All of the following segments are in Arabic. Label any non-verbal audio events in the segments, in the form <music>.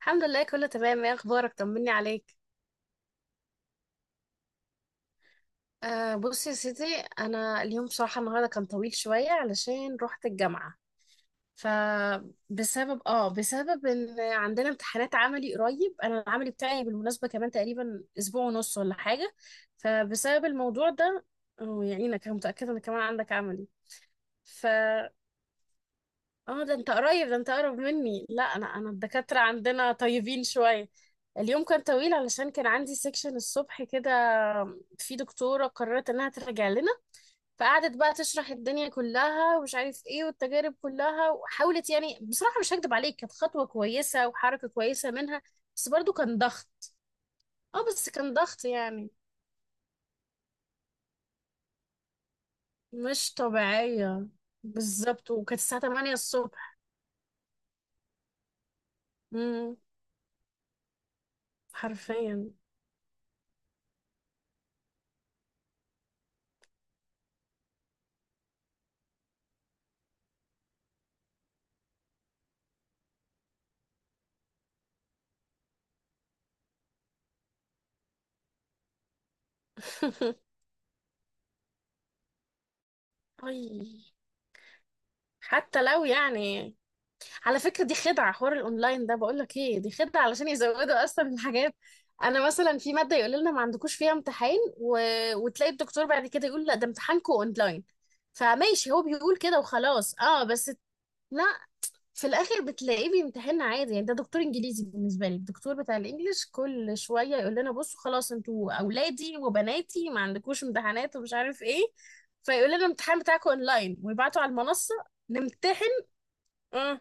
الحمد لله، كله تمام. ايه اخبارك؟ طمني عليك. آه، بصي يا سيدي. انا اليوم بصراحه النهارده كان طويل شويه علشان رحت الجامعه. فبسبب اه بسبب ان عندنا امتحانات عملي قريب، انا العملي بتاعي بالمناسبه كمان تقريبا اسبوع ونص ولا حاجه. فبسبب الموضوع ده. ويعينك، انا متاكده ان كمان عندك عملي. اه، ده انت قريب، ده انت قرب مني. لا، انا انا الدكاترة عندنا طيبين شوية. اليوم كان طويل علشان كان عندي سيكشن الصبح كده. في دكتورة قررت انها ترجع لنا، فقعدت بقى تشرح الدنيا كلها ومش عارف ايه والتجارب كلها، وحاولت يعني بصراحة مش هكدب عليك كانت خطوة كويسة وحركة كويسة منها. بس برضو كان ضغط. اه بس كان ضغط يعني، مش طبيعية. بالظبط، وكانت الساعة 8 الصبح. امم. حرفيا. <laughs> اي. حتى لو يعني، على فكرة دي خدعة. حوار الأونلاين ده، بقول لك إيه، دي خدعة علشان يزودوا أصلا الحاجات. أنا مثلا في مادة يقول لنا ما عندكوش فيها امتحان وتلاقي الدكتور بعد كده يقول لا ده امتحانكو أونلاين. فماشي، هو بيقول كده وخلاص أه بس. لا، في الآخر بتلاقيه بيمتحننا عادي يعني. ده دكتور إنجليزي بالنسبة لي، الدكتور بتاع الإنجليش، كل شوية يقول لنا بصوا خلاص أنتوا أولادي وبناتي ما عندكوش امتحانات ومش عارف إيه. فيقول لنا الامتحان بتاعكم أونلاين ويبعتوا على المنصة نمتحن. امم.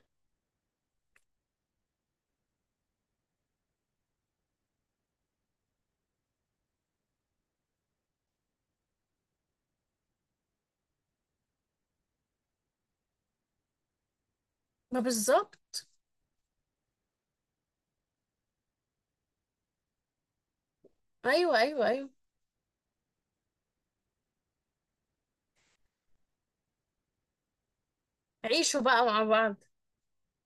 ما بالظبط. ايوه، ايوه، ايوه. عيشوا بقى مع بعض.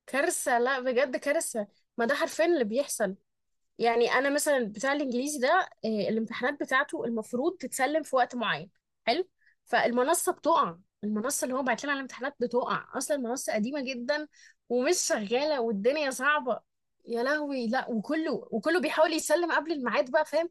كارثه، لا بجد كارثه. ما ده حرفيا اللي بيحصل. يعني انا مثلا بتاع الانجليزي ده، الامتحانات بتاعته المفروض تتسلم في وقت معين. حلو. فالمنصه بتقع. المنصه اللي هو بعت لنا على الامتحانات بتقع، اصلا المنصه قديمه جدا ومش شغاله والدنيا صعبه. يا لهوي. لا، وكله وكله بيحاول يسلم قبل الميعاد بقى، فاهم؟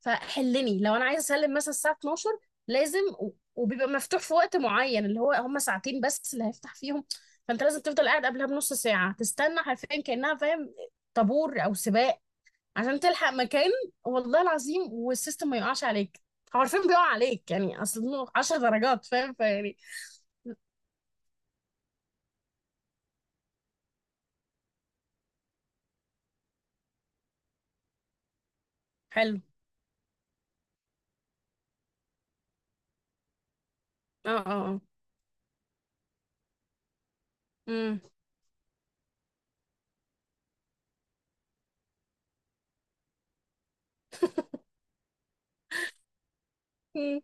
فحلني لو انا عايزه اسلم مثلا الساعه 12، لازم وبيبقى مفتوح في وقت معين اللي هو هم ساعتين بس اللي هيفتح فيهم. فانت لازم تفضل قاعد قبلها بنص ساعه تستنى، حرفيا كانها فاهم، طابور او سباق عشان تلحق مكان. والله العظيم، والسيستم ما يقعش عليك هو، عارفين بيقع عليك يعني، اصل إنه 10 درجات، فاهم؟ فيعني. حلو. اه، اه، اه. امم. أمم.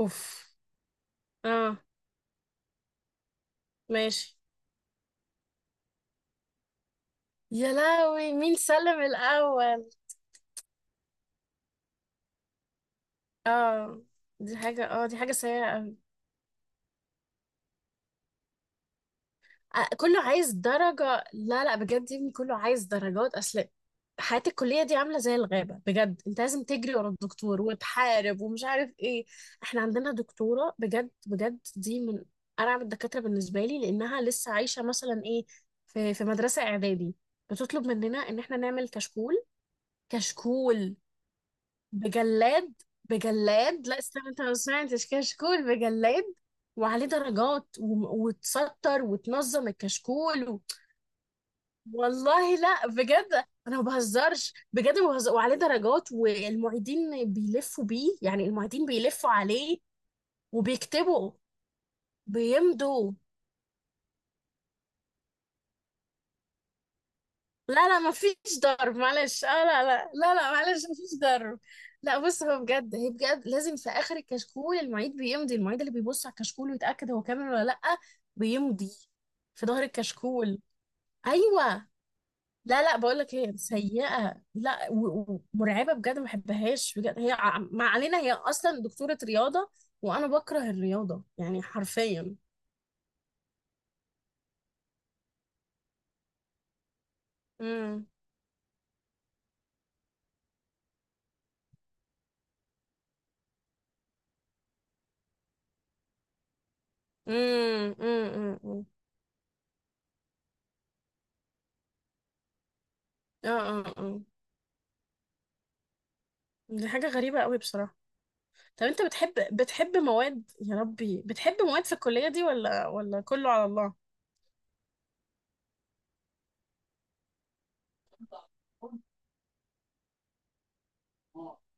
اوف. اه. ماشي. يا لهوي، مين سلم الاول؟ اه دي حاجه سيئه قوي. آه، كله عايز درجة. لا لا بجد، يا ابني كله عايز درجات. أصل حياة الكلية دي عاملة زي الغابة، بجد. أنت لازم تجري ورا الدكتور وتحارب ومش عارف إيه. إحنا عندنا دكتورة، بجد بجد، دي من أرعب الدكاترة بالنسبة لي، لأنها لسه عايشة مثلا إيه، في مدرسة إعدادي. بتطلب مننا إن إحنا نعمل كشكول، كشكول بجلاد. بجلاد، لا استنى، أنت ما سمعتش كشكول بجلاد، وعليه درجات، وتسطر وتنظم الكشكول. والله لا، بجد انا ما بهزرش، بجد ما بهزر، وعليه درجات والمعيدين بيلفوا بيه، يعني المعيدين بيلفوا عليه وبيكتبوا، بيمضوا. لا لا ما فيش ضرب، معلش. اه، لا لا لا لا معلش، ما فيش ضرب. لا بص، هو بجد هي بجد لازم في اخر الكشكول المعيد بيمضي، المعيد اللي بيبص على الكشكول ويتاكد هو كامل ولا لا، بيمضي في ظهر الكشكول. ايوه. لا لا، بقول لك هي سيئة، لا ومرعبة بجد، ما بحبهاش بجد. هي ما علينا، هي أصلا دكتورة رياضة، وأنا بكره الرياضة يعني حرفيا. امم. امم. امم. امم. اه. اه. اه. دي حاجة غريبة قوي بصراحة. طب أنت بتحب مواد، يا ربي، بتحب مواد في الكلية دي، ولا كله على الله؟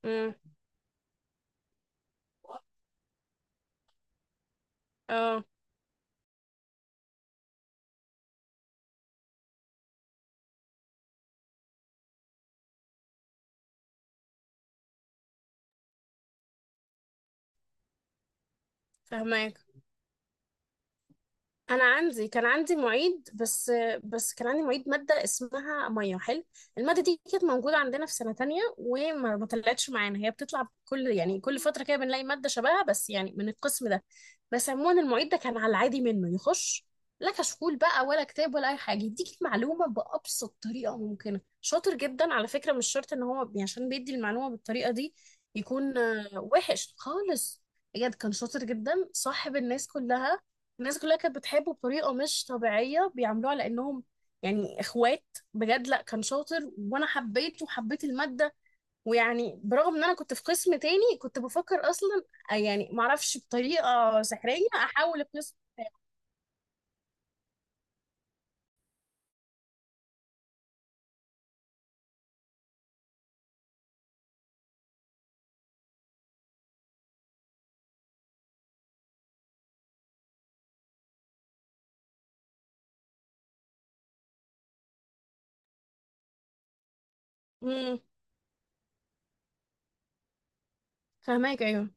امم. اه. فهمك. انا عندي كان عندي معيد بس كان عندي معيد ماده اسمها ميه، حلو. الماده دي كانت موجوده عندنا في سنه تانية، وما ما طلعتش معانا. هي بتطلع كل يعني كل فتره كده بنلاقي ماده شبهها، بس يعني من القسم ده. بس عموما المعيد ده كان على العادي، منه يخش لا كشكول بقى ولا كتاب ولا اي حاجه، يديك المعلومه بابسط طريقه ممكنه. شاطر جدا على فكره. مش شرط ان هو عشان بيدي المعلومه بالطريقه دي يكون وحش خالص. بجد كان شاطر جدا، صاحب الناس كلها. الناس كلها كانت بتحبه بطريقة مش طبيعية، بيعاملوه على إنهم يعني إخوات. بجد لأ، كان شاطر، وأنا حبيته وحبيت المادة. ويعني برغم إن أنا كنت في قسم تاني، كنت بفكر أصلا يعني معرفش بطريقة سحرية أحول القسم. امم. فهماك. أيوه.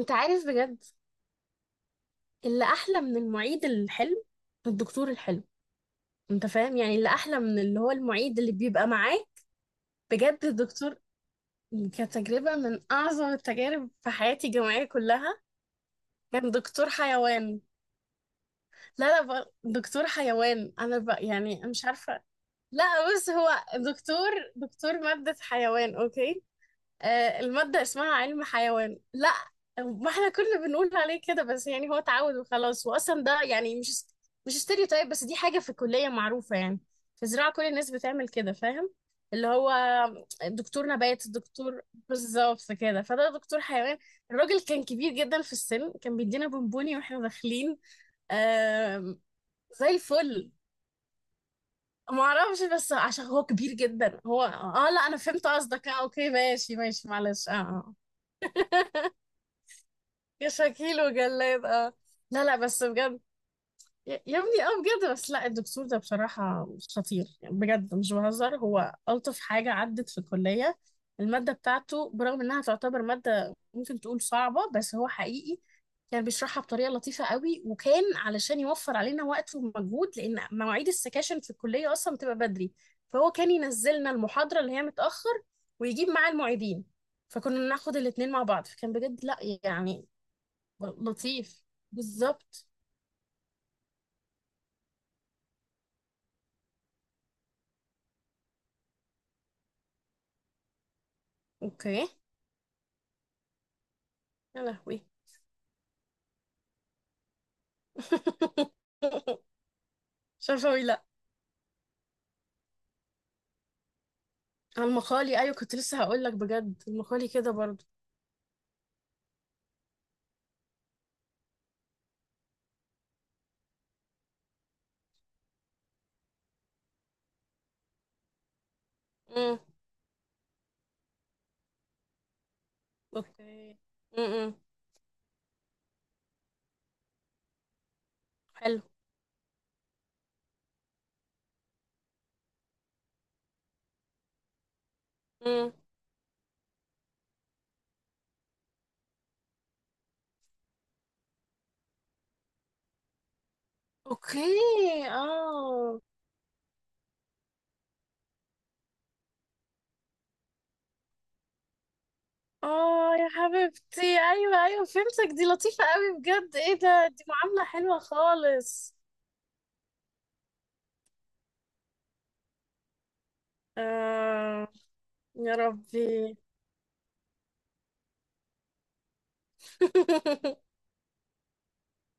أنت عارف بجد، اللي أحلى من المعيد الحلو الدكتور الحلو. أنت فاهم يعني، اللي أحلى من اللي هو المعيد اللي بيبقى معاه، بجد الدكتور. كانت تجربة من أعظم التجارب في حياتي الجامعية كلها. كان دكتور حيوان. لا لا، دكتور حيوان انا بقى يعني مش عارفه. لا بص، هو دكتور دكتور ماده حيوان. اوكي. الماده اسمها علم حيوان، لا ما احنا كنا بنقول عليه كده بس، يعني هو اتعود وخلاص، واصلا ده يعني مش ستيريوتايب، بس دي حاجه في الكليه معروفه يعني. في زراعه كل الناس بتعمل كده، فاهم؟ اللي هو دكتور نبات، دكتور، بالظبط كده. فده دكتور حيوان. الراجل كان كبير جدا في السن، كان بيدينا بونبوني واحنا داخلين. آم، زي الفل. ما اعرفش، بس عشان هو كبير جدا هو، لا انا فهمت قصدك. اه، اوكي، ماشي ماشي، معلش. اه. آه. يا شكيل وجلاد، اه. لا لا بس بجد، يا ابني، اه بجد بس، لا الدكتور ده بصراحة خطير، يعني بجد مش بهزر، هو ألطف حاجة عدت في الكلية. المادة بتاعته، برغم إنها تعتبر مادة ممكن تقول صعبة، بس هو حقيقي كان بيشرحها بطريقة لطيفة قوي. وكان علشان يوفر علينا وقت ومجهود، لأن مواعيد السكاشن في الكلية أصلا بتبقى بدري، فهو كان ينزلنا المحاضرة اللي هي متأخر، ويجيب معاه المعيدين، فكنا ناخد الاتنين مع بعض. فكان بجد، لا يعني، لطيف. بالظبط. اوكي. يا لهوي. <laughs> شفوي، لا. على المخالي، ايوه، كنت لسه هقول لك، بجد المخالي كده برضو. امم. اوكي. امم. حلو. امم. اوكي. اه. اه يا حبيبتي، ايوه ايوه فهمتك، دي لطيفة قوي بجد. ايه ده، دي معاملة حلوة خالص. آه يا ربي. <laughs>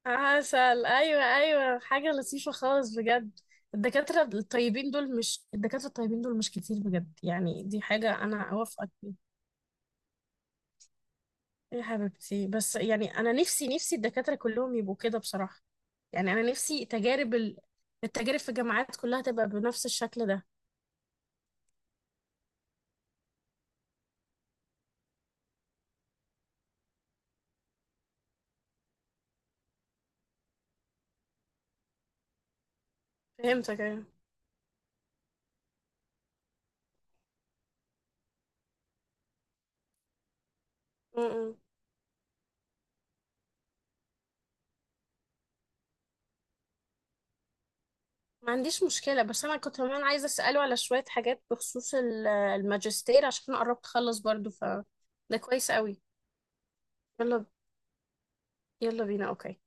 عسل، ايوه ايوه، حاجه لطيفه خالص بجد. الدكاتره الطيبين دول مش، الدكاتره الطيبين دول مش كتير بجد، يعني دي حاجه انا اوافقك فيها. يا حبيبتي، بس يعني انا نفسي نفسي الدكاتره كلهم يبقوا كده بصراحه. يعني انا نفسي تجارب التجارب في الجامعات كلها تبقى بنفس الشكل ده. فهمتك، ايوه. م- م. ما عنديش مشكله، بس انا كنت كمان عايزه اساله على شويه حاجات بخصوص الماجستير، عشان قربت اخلص برضو ف، ده كويس قوي. يلا، يلا بينا، اوكي.